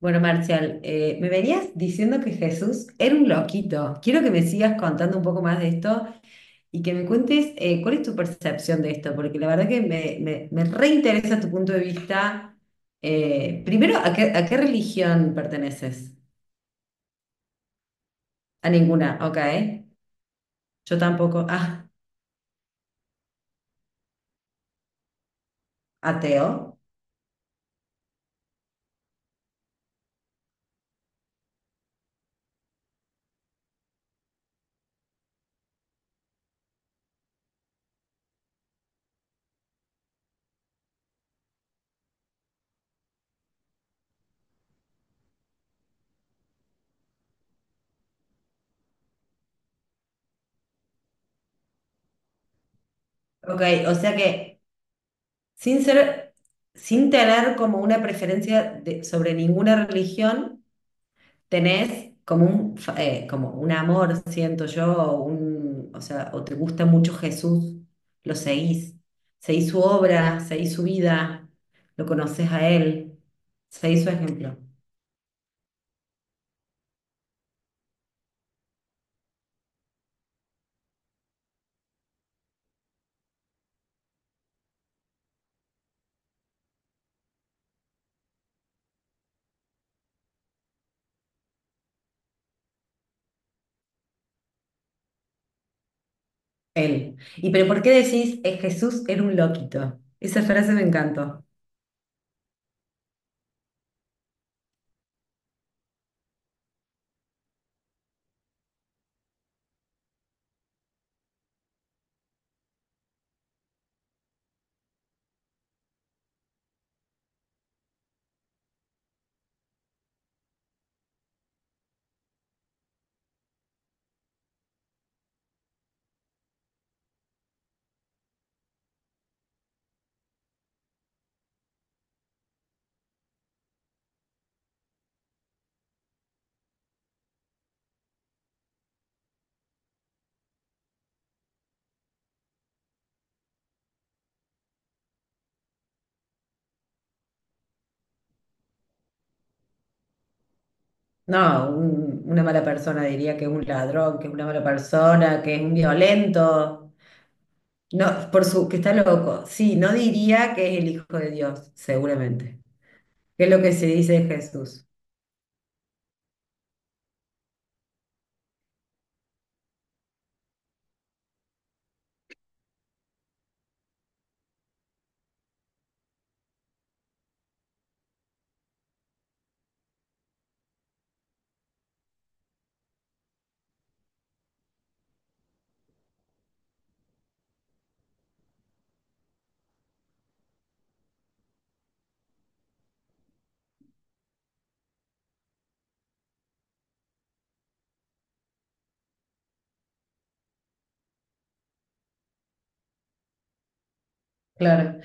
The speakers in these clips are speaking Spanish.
Bueno, Marcial, me venías diciendo que Jesús era un loquito. Quiero que me sigas contando un poco más de esto y que me cuentes cuál es tu percepción de esto, porque la verdad que me reinteresa tu punto de vista. Primero, a qué religión perteneces? A ninguna, ok. Yo tampoco. Ateo. Ok, o sea que sin ser, sin tener como una preferencia sobre ninguna religión. Tenés como un, como un amor, siento yo, o un, o sea, o te gusta mucho Jesús, lo seguís, seguís su obra, seguís su vida, lo conoces a él, seguís su ejemplo, él. ¿Y pero por qué decís, Jesús era un loquito"? Esa frase me encantó. No, una mala persona, diría que es un ladrón, que es una mala persona, que es un violento. No, por su, que está loco. Sí, no diría que es el hijo de Dios, seguramente. Que es lo que se dice de Jesús. Claro,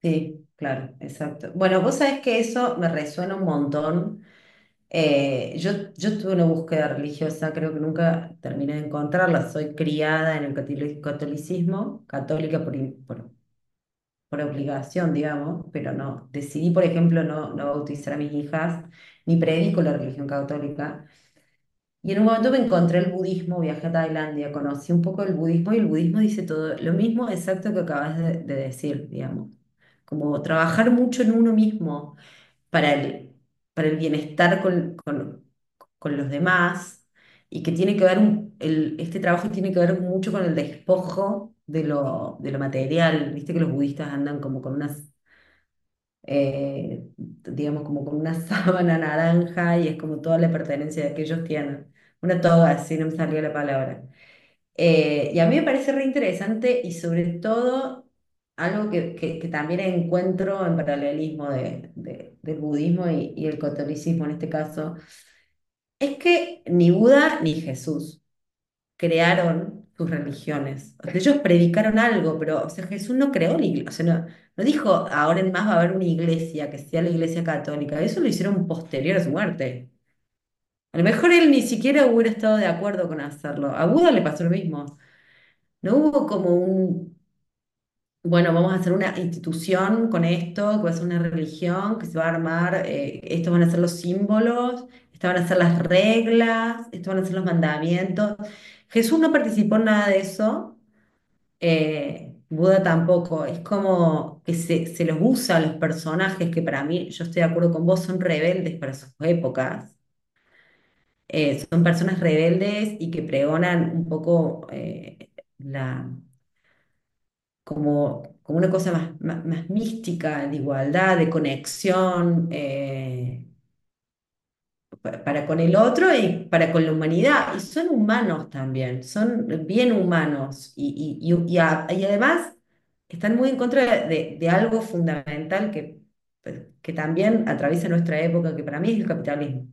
sí, claro, exacto. Bueno, vos sabés que eso me resuena un montón. Yo tuve una búsqueda religiosa, creo que nunca terminé de encontrarla. Soy criada en el catolicismo, católica por, por obligación, digamos, pero no. Decidí, por ejemplo, no, no bautizar a mis hijas, ni predico la religión católica. Y en un momento me encontré el budismo, viajé a Tailandia, conocí un poco el budismo y el budismo dice todo lo mismo exacto que acabas de decir, digamos. Como trabajar mucho en uno mismo para el, para el bienestar con, con los demás y que tiene que ver, el, este trabajo tiene que ver mucho con el despojo de lo material. Viste que los budistas andan como con unas digamos, como con una sábana naranja y es como toda la pertenencia de que ellos tienen. Una toga, si no me salió la palabra. Y a mí me parece re interesante y sobre todo algo que, que también encuentro en paralelismo del budismo y el catolicismo en este caso, es que ni Buda ni Jesús crearon sus religiones. O sea, ellos predicaron algo, pero o sea, Jesús no creó la iglesia. O sea, no, no dijo, ahora en más va a haber una iglesia que sea la iglesia católica. Eso lo hicieron posterior a su muerte. A lo mejor él ni siquiera hubiera estado de acuerdo con hacerlo. A Buda le pasó lo mismo. No hubo como un, bueno, vamos a hacer una institución con esto, que va a ser una religión, que se va a armar, estos van a ser los símbolos, estas van a ser las reglas, estos van a ser los mandamientos. Jesús no participó en nada de eso. Buda tampoco, es como que se los usa a los personajes que para mí, yo estoy de acuerdo con vos, son rebeldes para sus épocas. Son personas rebeldes y que pregonan un poco la, como, como una cosa más, más, más mística, de igualdad, de conexión. Para con el otro y para con la humanidad. Y son humanos también, son bien humanos. Y, y además están muy en contra de algo fundamental que también atraviesa nuestra época, que para mí es el capitalismo.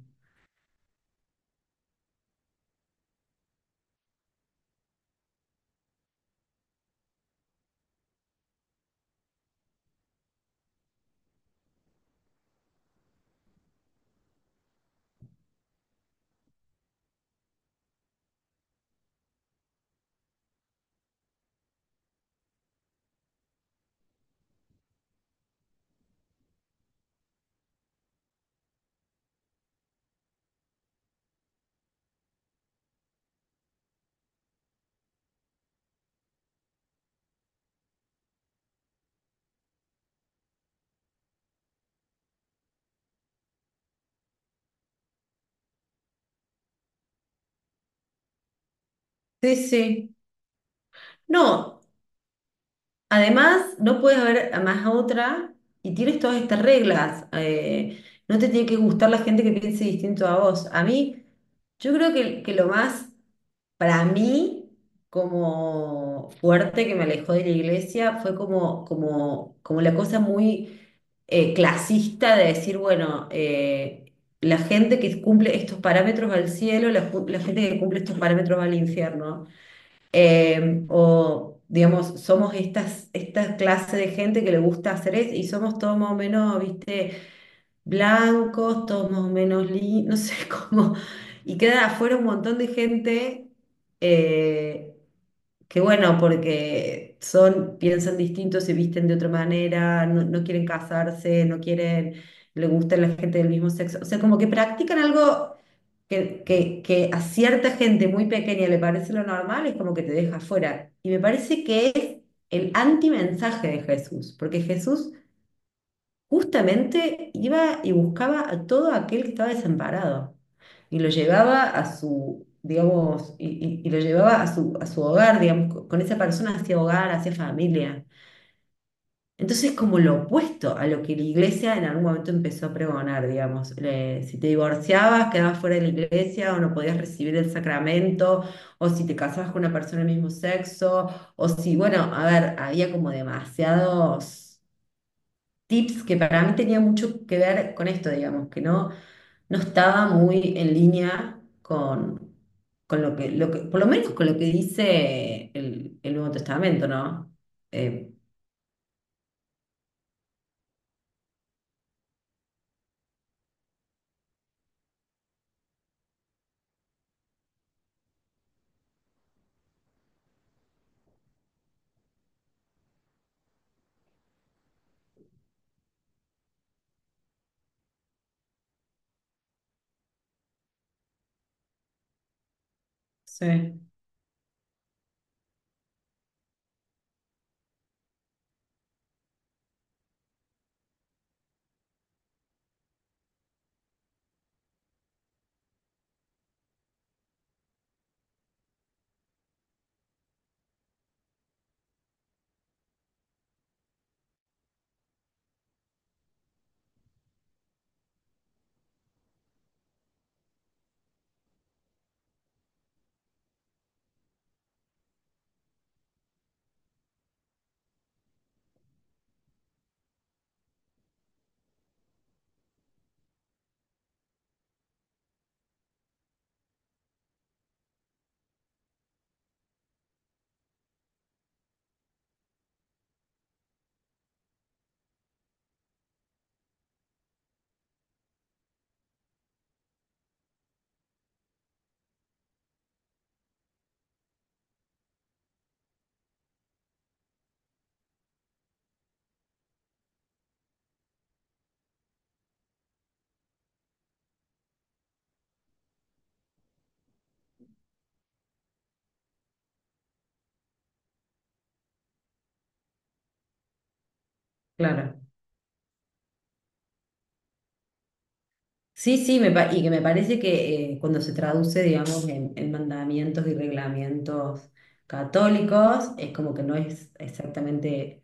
Sí, sí. No, además, no puedes ver a más a otra y tienes todas estas reglas. No te tiene que gustar la gente que piense distinto a vos. A mí, yo creo que lo más, para mí, como fuerte que me alejó de la iglesia fue como, como, como la cosa muy clasista de decir, bueno, la gente que cumple estos parámetros va al cielo, la, la gente que cumple estos parámetros va al infierno. O, digamos, somos estas, esta clase de gente que le gusta hacer eso y somos todos más o menos, viste, blancos, todos más o menos, no sé cómo. Y queda afuera un montón de gente. eh, Qué bueno, porque son, piensan distintos, se visten de otra manera, no, no quieren casarse, no quieren, le gusta la gente del mismo sexo. O sea, como que practican algo que a cierta gente muy pequeña le parece lo normal, es como que te deja fuera. Y me parece que es el antimensaje de Jesús, porque Jesús justamente iba y buscaba a todo aquel que estaba desamparado y lo llevaba a su, digamos, y, y lo llevaba a su hogar, digamos, con esa persona hacia hogar, hacia familia. Entonces, como lo opuesto a lo que la iglesia en algún momento empezó a pregonar, digamos, si te divorciabas, quedabas fuera de la iglesia o no podías recibir el sacramento, o si te casabas con una persona del mismo sexo, o si, bueno, a ver, había como demasiados tips que para mí tenía mucho que ver con esto, digamos, que no, no estaba muy en línea con lo que, por lo menos con lo que dice el Nuevo Testamento, ¿no? Eh, sí, claro. Sí, sí, y que me parece que cuando se traduce, digamos, en mandamientos y reglamentos católicos, es como que no es exactamente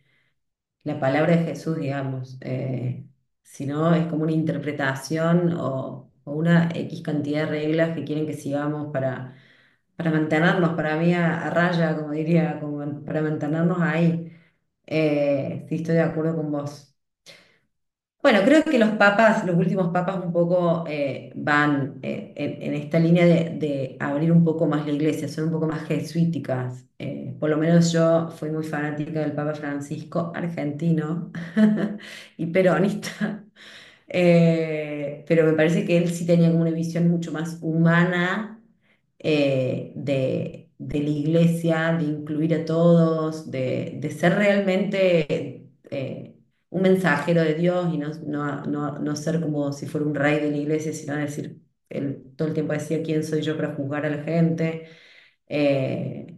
la palabra de Jesús, digamos. Si no, es como una interpretación o una X cantidad de reglas que quieren que sigamos para mantenernos, para mí, a raya, como diría, como para mantenernos ahí. Sí, estoy de acuerdo con vos. Bueno, creo que los papas, los últimos papas un poco van en esta línea de abrir un poco más la iglesia, son un poco más jesuíticas. Por lo menos yo fui muy fanática del Papa Francisco, argentino y peronista. Pero me parece que él sí tenía como una visión mucho más humana de la iglesia, de incluir a todos, de ser realmente... un mensajero de Dios y no, no, no, no ser como si fuera un rey de la iglesia, sino decir, él todo el tiempo decía, ¿quién soy yo para juzgar a la gente? Eh,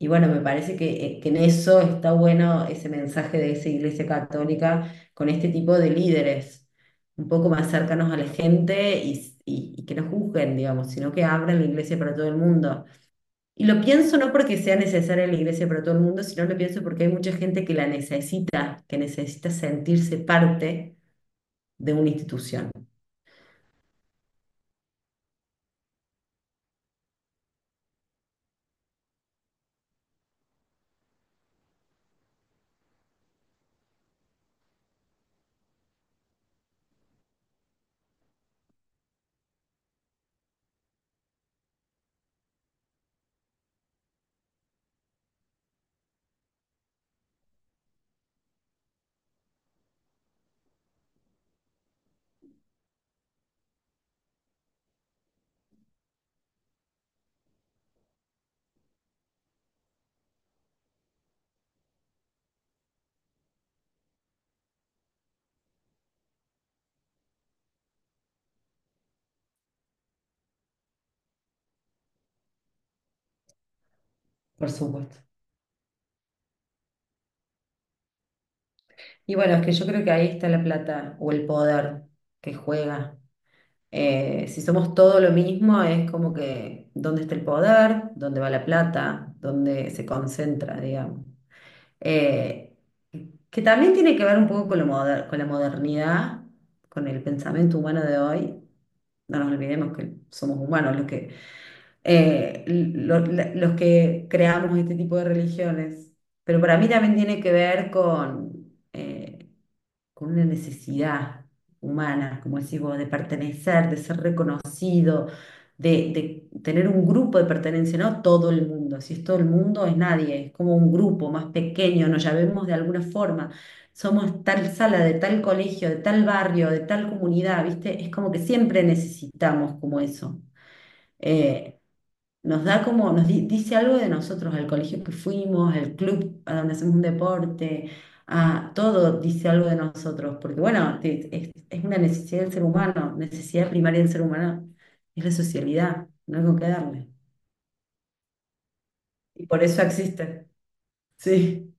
y bueno, me parece que en eso está bueno ese mensaje de esa iglesia católica con este tipo de líderes, un poco más cercanos a la gente y, y que no juzguen, digamos, sino que abran la iglesia para todo el mundo. Y lo pienso no porque sea necesaria la iglesia para todo el mundo, sino lo pienso porque hay mucha gente que la necesita, que necesita sentirse parte de una institución, por supuesto. Y bueno, es que yo creo que ahí está la plata o el poder que juega. Si somos todo lo mismo, es como que dónde está el poder, dónde va la plata, dónde se concentra, digamos. Eh, que también tiene que ver un poco con, con la modernidad, con el pensamiento humano de hoy. No nos olvidemos que somos humanos los que, los que creamos este tipo de religiones. Pero para mí también tiene que ver eh, con una necesidad humana, como decís vos, de pertenecer, de ser reconocido de, de tener un grupo de pertenencia, no todo el mundo, si es todo el mundo es nadie, es como un grupo más pequeño, nos llamemos de alguna forma, somos tal sala, de tal colegio, de tal barrio, de tal comunidad, ¿viste? Es como que siempre necesitamos como eso. Eh, Nos da como, dice algo de nosotros, al colegio que fuimos, al club a donde hacemos un deporte, a todo dice algo de nosotros, porque bueno, es una necesidad del ser humano, necesidad primaria del ser humano es la socialidad, no hay con qué darle. Y por eso existe. Sí,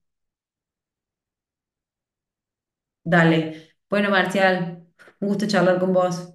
dale. Bueno, Marcial, un gusto charlar con vos.